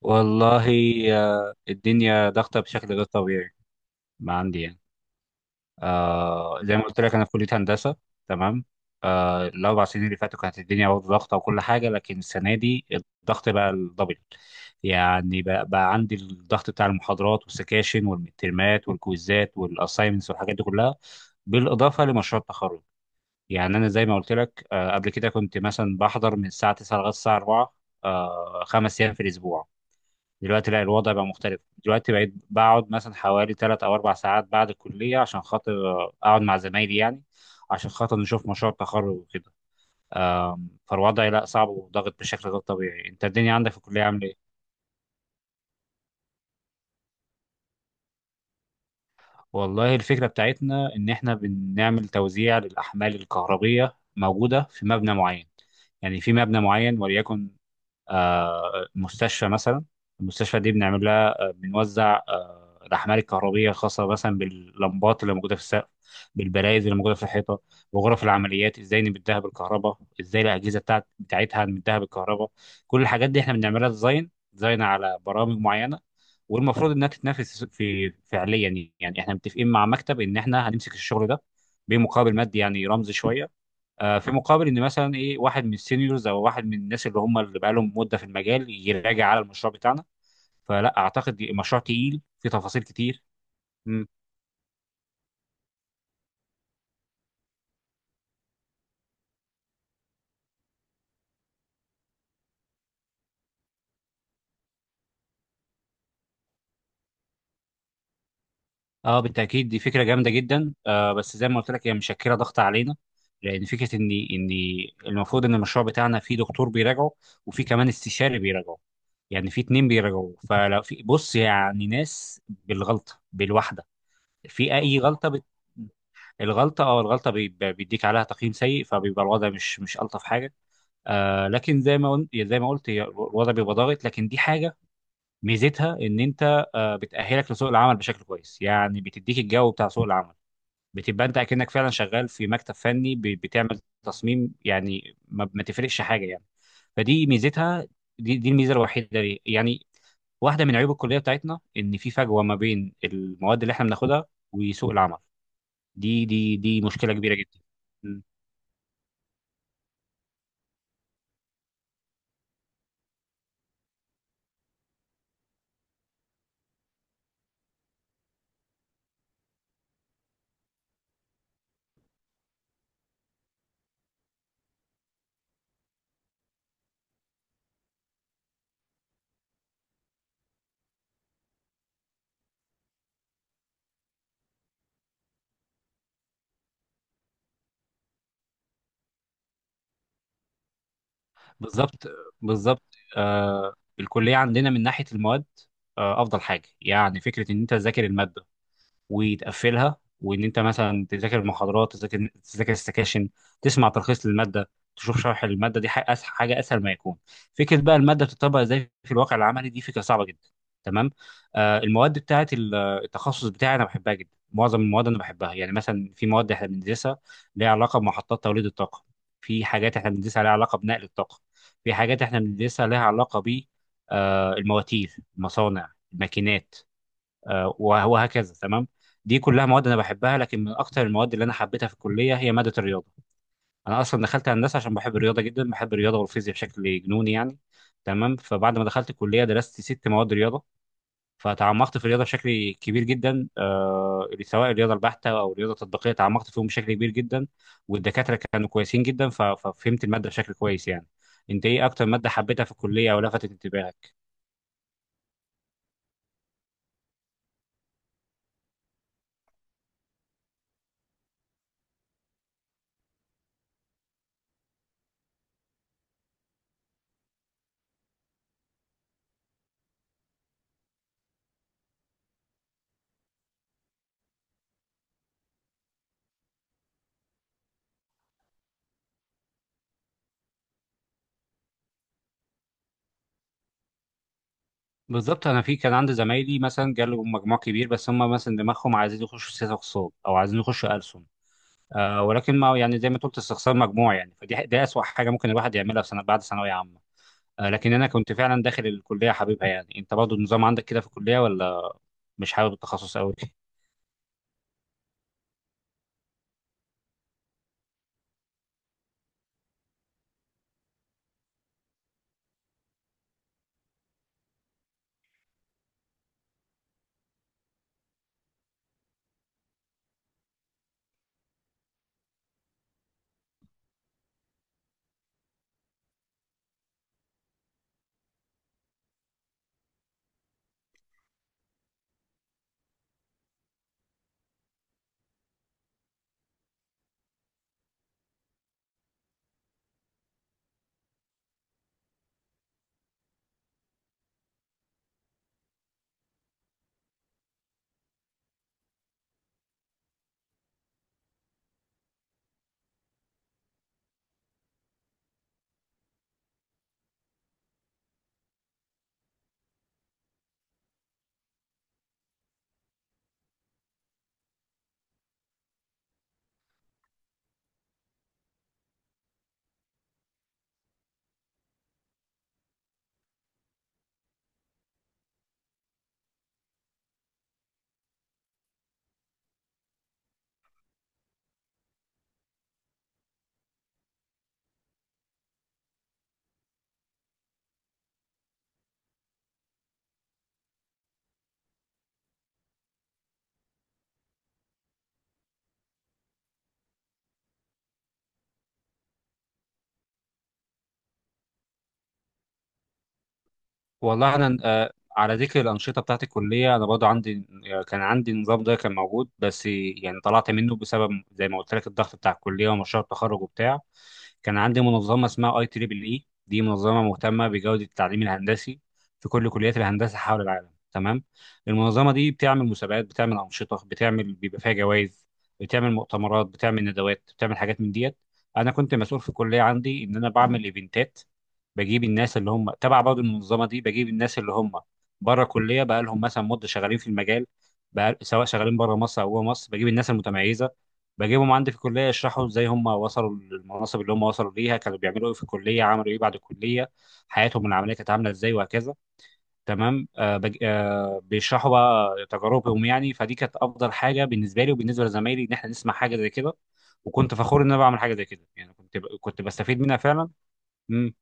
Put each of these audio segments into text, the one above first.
والله، الدنيا ضغطة بشكل غير طبيعي. ما عندي يعني. زي ما قلت لك أنا في كلية هندسة. تمام. الأربع سنين اللي فاتوا كانت الدنيا برضه ضغطة وكل حاجة، لكن السنة دي الضغط بقى الدبل. يعني بقى عندي الضغط بتاع المحاضرات والسكاشن والمترمات والكويزات والأسايمنتس والحاجات دي كلها، بالإضافة لمشروع التخرج. يعني أنا زي ما قلت لك قبل كده كنت مثلا بحضر من الساعة 9 لغاية الساعة 4، خمس أيام في الأسبوع. دلوقتي لا، الوضع بقى مختلف. دلوقتي بقيت بقعد مثلا حوالي ثلاث او اربع ساعات بعد الكليه عشان خاطر، اقعد مع زمايلي يعني، عشان خاطر نشوف مشروع التخرج وكده. فالوضع لا صعب وضاغط بشكل غير طبيعي. انت الدنيا عندك في الكليه عامله ايه؟ والله الفكره بتاعتنا ان احنا بنعمل توزيع للاحمال الكهربيه موجوده في مبنى معين. يعني في مبنى معين، وليكن مستشفى مثلا. المستشفى دي بنعمل لها، بنوزع الأحمال الكهربية الخاصة مثلا باللمبات اللي موجودة في السقف، بالبرايز اللي موجودة في الحيطة، وغرف العمليات ازاي نمدها بالكهرباء، ازاي الأجهزة بتاعتها نمدها بالكهرباء. كل الحاجات دي احنا بنعملها ديزاين ديزاين على برامج معينة. والمفروض انها تتنافس في فعليا. يعني احنا متفقين مع مكتب ان احنا هنمسك الشغل ده بمقابل مادي، يعني رمزي شوية، في مقابل ان مثلا ايه واحد من السينيورز او واحد من الناس اللي هم اللي بقالهم مده في المجال يراجع على المشروع بتاعنا. فلا اعتقد مشروع تقيل في تفاصيل كتير. مم. اه، بالتاكيد دي فكره جامده جدا. بس زي ما قلت لك هي مشكله ضغط علينا، لان فكره ان المفروض ان المشروع بتاعنا فيه دكتور بيراجعه، وفي كمان استشاري بيراجعه. يعني في اتنين بيراجعوا. فلو في بص يعني ناس بالغلطه بالواحده، في اي غلطه. الغلطة بيديك عليها تقييم سيء، فبيبقى الوضع مش ألطف حاجة. لكن زي ما قلت هي الوضع بيبقى ضاغط، لكن دي حاجة ميزتها إن أنت بتأهلك لسوق العمل بشكل كويس. يعني بتديك الجو بتاع سوق العمل. بتبقى أنت أكنك فعلا شغال في مكتب فني، بتعمل تصميم. يعني ما تفرقش حاجة يعني. فدي ميزتها. دي الميزة الوحيدة ليه يعني. واحدة من عيوب الكلية بتاعتنا إن في فجوة ما بين المواد اللي إحنا بناخدها وسوق العمل. دي مشكلة كبيرة جدا. مم. بالظبط. بالظبط. آه الكلية عندنا من ناحية المواد أفضل حاجة. يعني فكرة إن أنت تذاكر المادة وتقفلها، وان انت مثلا تذاكر المحاضرات، تذاكر السكاشن، تسمع تلخيص للماده، تشوف شرح الماده، دي حاجه اسهل، حاجه اسهل ما يكون. فكره بقى الماده بتطبق ازاي في الواقع العملي، دي فكره صعبه جدا. تمام. المواد بتاعه التخصص بتاعي انا بحبها جدا. معظم المواد انا بحبها. يعني مثلا في مواد احنا بندرسها ليها علاقه بمحطات توليد الطاقه، في حاجات احنا بندرسها ليها علاقه بنقل الطاقه، في حاجات احنا بندرسها ليها علاقه ب، المواتير، المصانع، الماكينات، وهكذا. تمام. دي كلها مواد انا بحبها، لكن من اكتر المواد اللي انا حبيتها في الكليه هي ماده الرياضه. انا اصلا دخلت هندسه عشان بحب الرياضه جدا. بحب الرياضه والفيزياء بشكل جنوني يعني. تمام. فبعد ما دخلت الكليه درست ست مواد رياضه، فتعمقت في الرياضه بشكل كبير جدا، سواء الرياضه البحته او الرياضه التطبيقيه، تعمقت فيهم بشكل كبير جدا. والدكاتره كانوا كويسين جدا، ففهمت الماده بشكل كويس يعني. انت ايه اكتر ماده حبيتها في الكليه او لفتت انتباهك؟ بالظبط. انا في كان عندي زمايلي مثلا جاله مجموع كبير، بس هم مثلا دماغهم عايزين يخشوا سياسه اقتصاد او عايزين يخشوا ألسن، ولكن ما يعني زي ما قلت استخسار مجموع يعني. فدي، دي اسوأ حاجه ممكن الواحد يعملها في سنه بعد ثانويه عامه. لكن انا كنت فعلا داخل الكليه حبيبها يعني. انت برضه النظام عندك كده في الكليه، ولا مش حابب التخصص قوي؟ والله انا، على ذكر الانشطه بتاعت الكليه انا برضه عندي، كان عندي النظام ده كان موجود، بس يعني طلعت منه بسبب زي ما قلت لك الضغط بتاع الكليه ومشروع التخرج وبتاع. كان عندي منظمه اسمها اي تريبل اي، دي منظمه مهتمه بجوده التعليم الهندسي في كل كليات الهندسه حول العالم. تمام. المنظمه دي بتعمل مسابقات، بتعمل انشطه، بتعمل بيبقى فيها جوائز، بتعمل مؤتمرات، بتعمل ندوات، بتعمل حاجات من ديت. انا كنت مسؤول في الكليه عندي ان انا بعمل ايفنتات، بجيب الناس اللي هم تبع برضه المنظمه دي، بجيب الناس اللي هم بره كليه بقى لهم مثلا مده شغالين في المجال، بقى سواء شغالين بره مصر او جوه مصر، بجيب الناس المتميزه، بجيبهم عندي في الكليه يشرحوا ازاي هم وصلوا للمناصب اللي هم وصلوا ليها، كانوا بيعملوا ايه في الكليه، عملوا ايه بعد الكليه، حياتهم العمليه كانت عامله ازاي، وهكذا. تمام. آه بج... آه بيشرحوا بقى تجاربهم يعني. فدي كانت افضل حاجه بالنسبه لي وبالنسبه لزمايلي ان احنا نسمع حاجه زي كده. وكنت فخور ان انا بعمل حاجه زي كده يعني. كنت بستفيد منها فعلا. امم.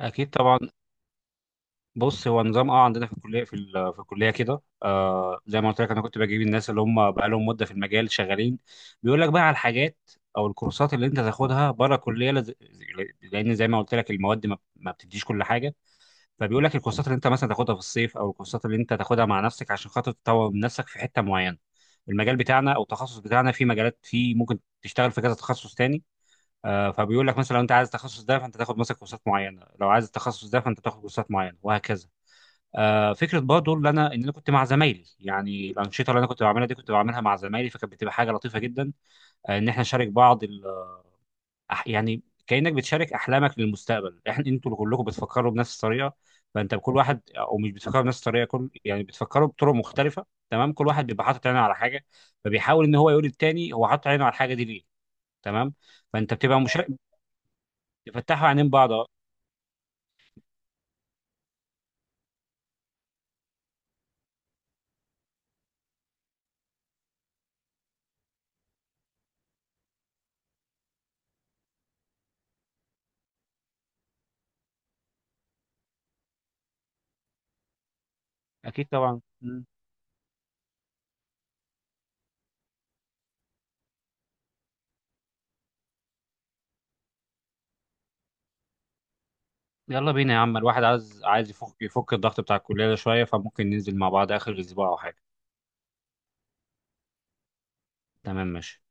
اكيد طبعا. بص، هو نظام عندنا في الكليه، في الكليه كده، زي ما قلت لك انا كنت بجيب الناس اللي هم بقى لهم مده في المجال شغالين، بيقول لك بقى على الحاجات او الكورسات اللي انت تاخدها بره الكليه، لان زي ما قلت لك المواد ما بتديش كل حاجه. فبيقول لك الكورسات اللي انت مثلا تاخدها في الصيف او الكورسات اللي انت تاخدها مع نفسك عشان خاطر تطور من نفسك في حته معينه. المجال بتاعنا او التخصص بتاعنا في مجالات، في ممكن تشتغل في كذا تخصص تاني. فبيقول لك مثلا لو انت عايز التخصص ده فانت تاخد مثلا كورسات معينه، لو عايز التخصص ده فانت تاخد كورسات معينه، وهكذا. فكره برضه اللي انا ان انا كنت مع زمايلي. يعني الانشطه اللي انا كنت بعملها دي كنت بعملها مع زمايلي، فكانت بتبقى حاجه لطيفه جدا. ان احنا نشارك بعض يعني كانك بتشارك احلامك للمستقبل. انتوا كلكم بتفكروا بنفس الطريقه. فانت بكل واحد، او مش بتفكروا بنفس الطريقه، كل يعني بتفكروا بطرق مختلفه. تمام. كل واحد بيبقى حاطط عينه على حاجه، فبيحاول ان هو يقول للتاني هو حاطط عينه على الحاجه دي ليه. تمام. فانت بتبقى مشارك، بتفتحوا عينين بعض. أه. اكيد طبعا. يلا بينا يا عم. الواحد عايز يفك الضغط بتاع الكلية ده شوية. فممكن ننزل مع بعض آخر أسبوع أو حاجة. تمام، ماشي.